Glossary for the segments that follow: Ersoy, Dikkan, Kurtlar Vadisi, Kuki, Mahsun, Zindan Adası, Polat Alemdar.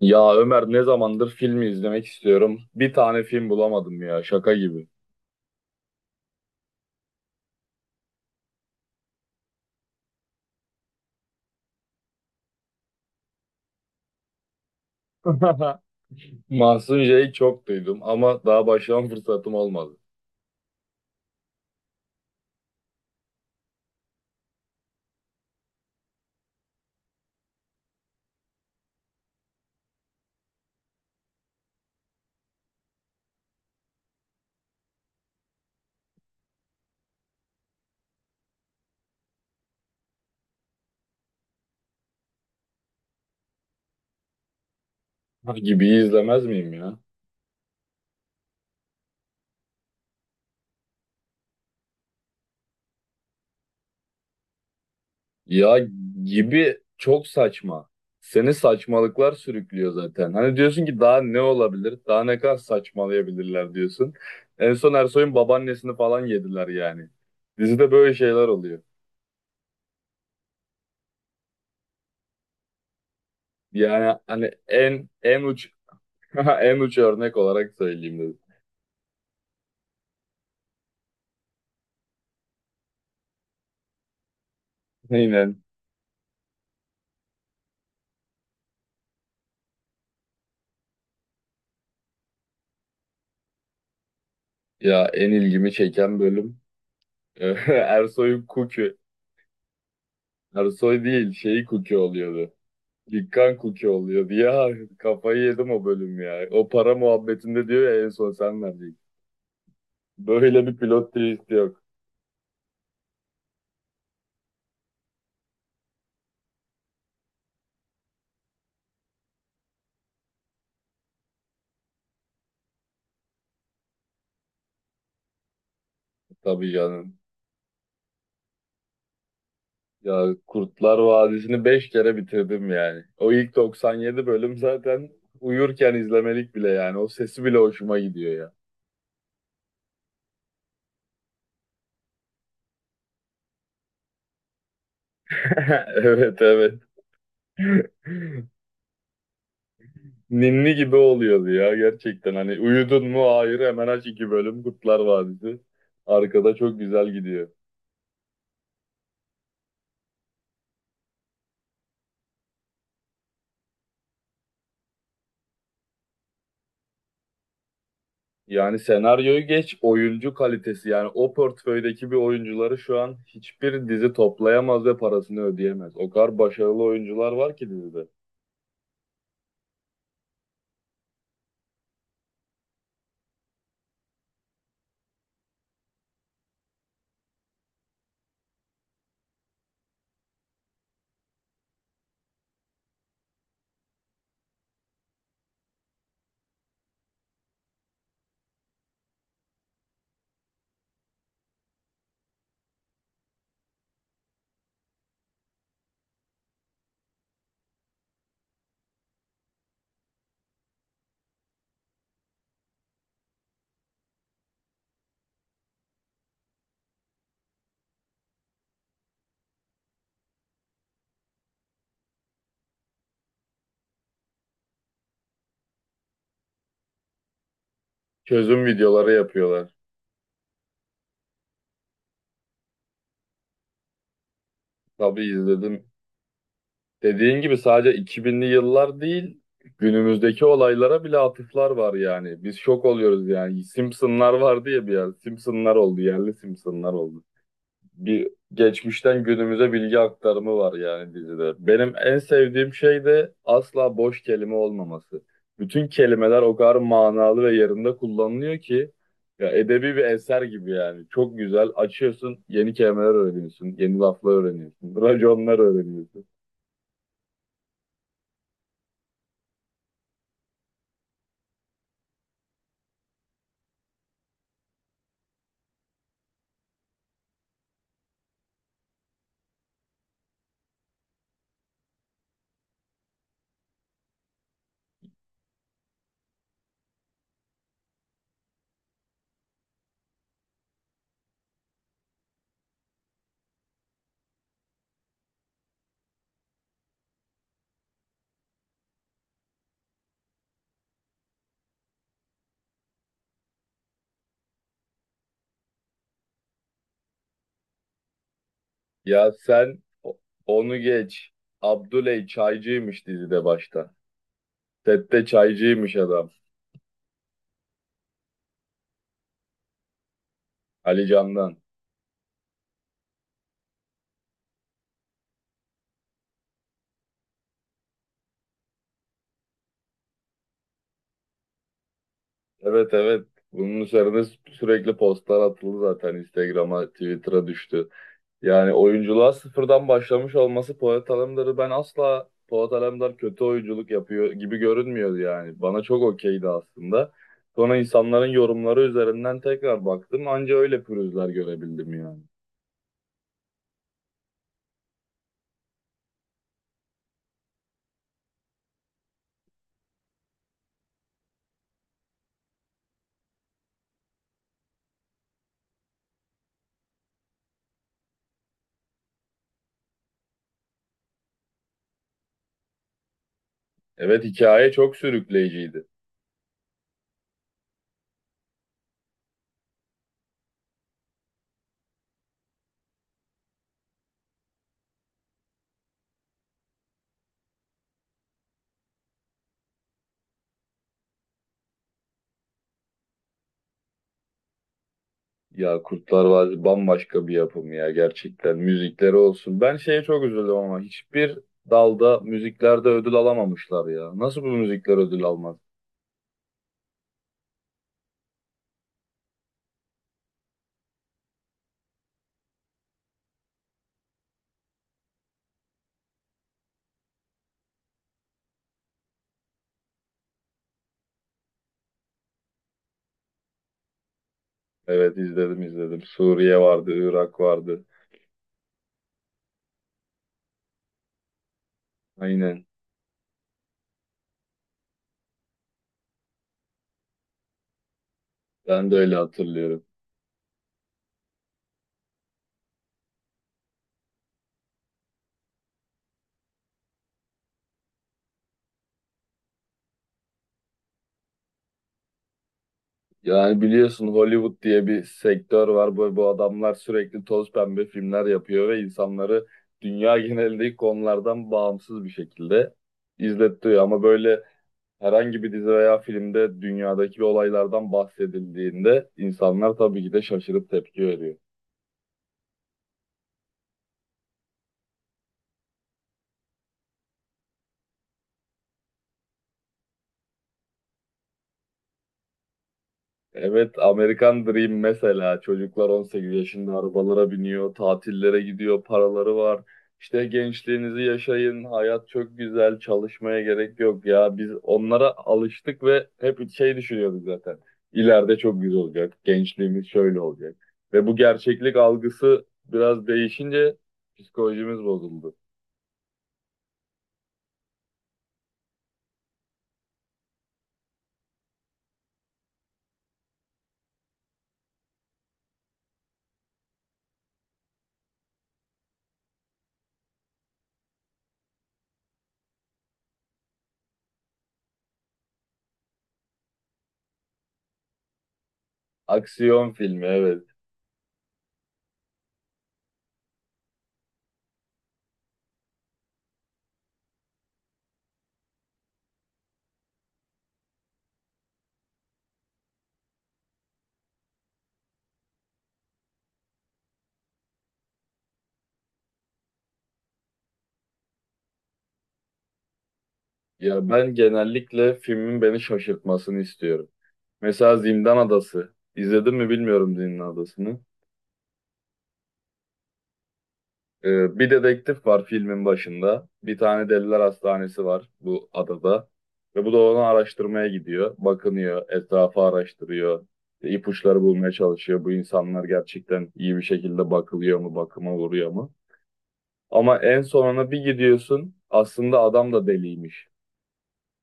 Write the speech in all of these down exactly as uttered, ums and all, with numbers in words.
Ya Ömer ne zamandır filmi izlemek istiyorum. Bir tane film bulamadım ya şaka gibi. Mahsun J'yi çok duydum ama daha başlama fırsatım olmadı. Gibi izlemez miyim ya? Ya gibi çok saçma. Seni saçmalıklar sürüklüyor zaten. Hani diyorsun ki daha ne olabilir? Daha ne kadar saçmalayabilirler diyorsun. En son Ersoy'un babaannesini falan yediler yani. Dizide böyle şeyler oluyor. Yani hani en en uç en uç örnek olarak söyleyeyim. Aynen. Ya en ilgimi çeken bölüm Ersoy'un Kuki. Ersoy değil şeyi Kuki oluyordu. Dikkan Kuki oluyordu. Ya kafayı yedim o bölüm ya. O para muhabbetinde diyor ya en son sen vereceksin. Böyle bir pilot twist yok. Tabii canım. Ya Kurtlar Vadisi'ni beş kere bitirdim yani. O ilk doksan yedi bölüm zaten uyurken izlemelik bile yani. O sesi bile hoşuma gidiyor ya. Evet, evet. Ninni gibi oluyordu ya gerçekten. Hani uyudun mu? Hayır, hemen aç iki bölüm Kurtlar Vadisi. Arkada çok güzel gidiyor. Yani senaryoyu geç, oyuncu kalitesi yani o portföydeki bir oyuncuları şu an hiçbir dizi toplayamaz ve parasını ödeyemez. O kadar başarılı oyuncular var ki dizide. Çözüm videoları yapıyorlar. Tabii izledim. Dediğin gibi sadece iki binli yıllar değil, günümüzdeki olaylara bile atıflar var yani. Biz şok oluyoruz yani. Simpsonlar vardı ya bir yer. Simpsonlar oldu, yerli Simpsonlar oldu. Bir geçmişten günümüze bilgi aktarımı var yani dizide. Benim en sevdiğim şey de asla boş kelime olmaması. Bütün kelimeler o kadar manalı ve yerinde kullanılıyor ki ya edebi bir eser gibi yani. Çok güzel. Açıyorsun, yeni kelimeler öğreniyorsun, yeni laflar öğreniyorsun, raconlar öğreniyorsun. Ya sen o- Onu geç. Abdüley çaycıymış dizide başta. Sette çaycıymış adam. Ali Can'dan. Evet, evet. Bunun üzerine sü- sürekli postlar atıldı zaten. Instagram'a, Twitter'a düştü. Yani oyunculuğa sıfırdan başlamış olması Polat Alemdar'ı ben asla Polat Alemdar kötü oyunculuk yapıyor gibi görünmüyordu yani. Bana çok okeydi aslında. Sonra insanların yorumları üzerinden tekrar baktım. Anca öyle pürüzler görebildim yani. Evet, hikaye çok sürükleyiciydi. Ya Kurtlar Vadisi bambaşka bir yapım ya gerçekten. Müzikleri olsun. Ben şeye çok üzüldüm ama hiçbir dalda müziklerde ödül alamamışlar ya. Nasıl bu müzikler ödül almaz? Evet, izledim, izledim. Suriye vardı, Irak vardı. Aynen. Ben de öyle hatırlıyorum. Yani biliyorsun Hollywood diye bir sektör var. Bu, bu adamlar sürekli toz pembe filmler yapıyor ve insanları dünya genelindeki konulardan bağımsız bir şekilde izletiyor. Ama böyle herhangi bir dizi veya filmde dünyadaki olaylardan bahsedildiğinde insanlar tabii ki de şaşırıp tepki veriyor. Evet, American Dream mesela çocuklar on sekiz yaşında arabalara biniyor, tatillere gidiyor, paraları var. İşte gençliğinizi yaşayın, hayat çok güzel, çalışmaya gerek yok ya. Biz onlara alıştık ve hep şey düşünüyorduk zaten. İleride çok güzel olacak, gençliğimiz şöyle olacak. Ve bu gerçeklik algısı biraz değişince psikolojimiz bozuldu. Aksiyon filmi, evet. Ya ben genellikle filmin beni şaşırtmasını istiyorum. Mesela Zindan Adası. İzledin mi bilmiyorum Zindan Adası'nı. Ee, bir dedektif var filmin başında. Bir tane deliler hastanesi var bu adada. Ve bu da onu araştırmaya gidiyor. Bakınıyor, etrafı araştırıyor. İşte ipuçları bulmaya çalışıyor. Bu insanlar gerçekten iyi bir şekilde bakılıyor mu, bakıma uğruyor mu? Ama en sonuna bir gidiyorsun aslında adam da deliymiş.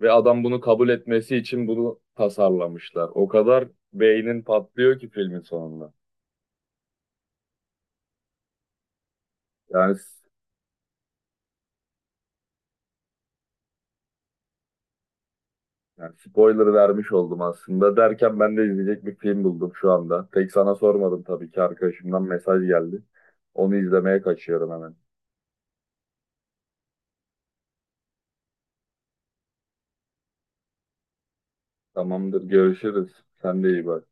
Ve adam bunu kabul etmesi için bunu tasarlamışlar. O kadar beynin patlıyor ki filmin sonunda. Yani, yani spoiler vermiş oldum aslında. Derken ben de izleyecek bir film buldum şu anda. Tek sana sormadım tabii ki arkadaşımdan mesaj geldi. Onu izlemeye kaçıyorum hemen. Tamamdır, görüşürüz. Sen de iyi bak.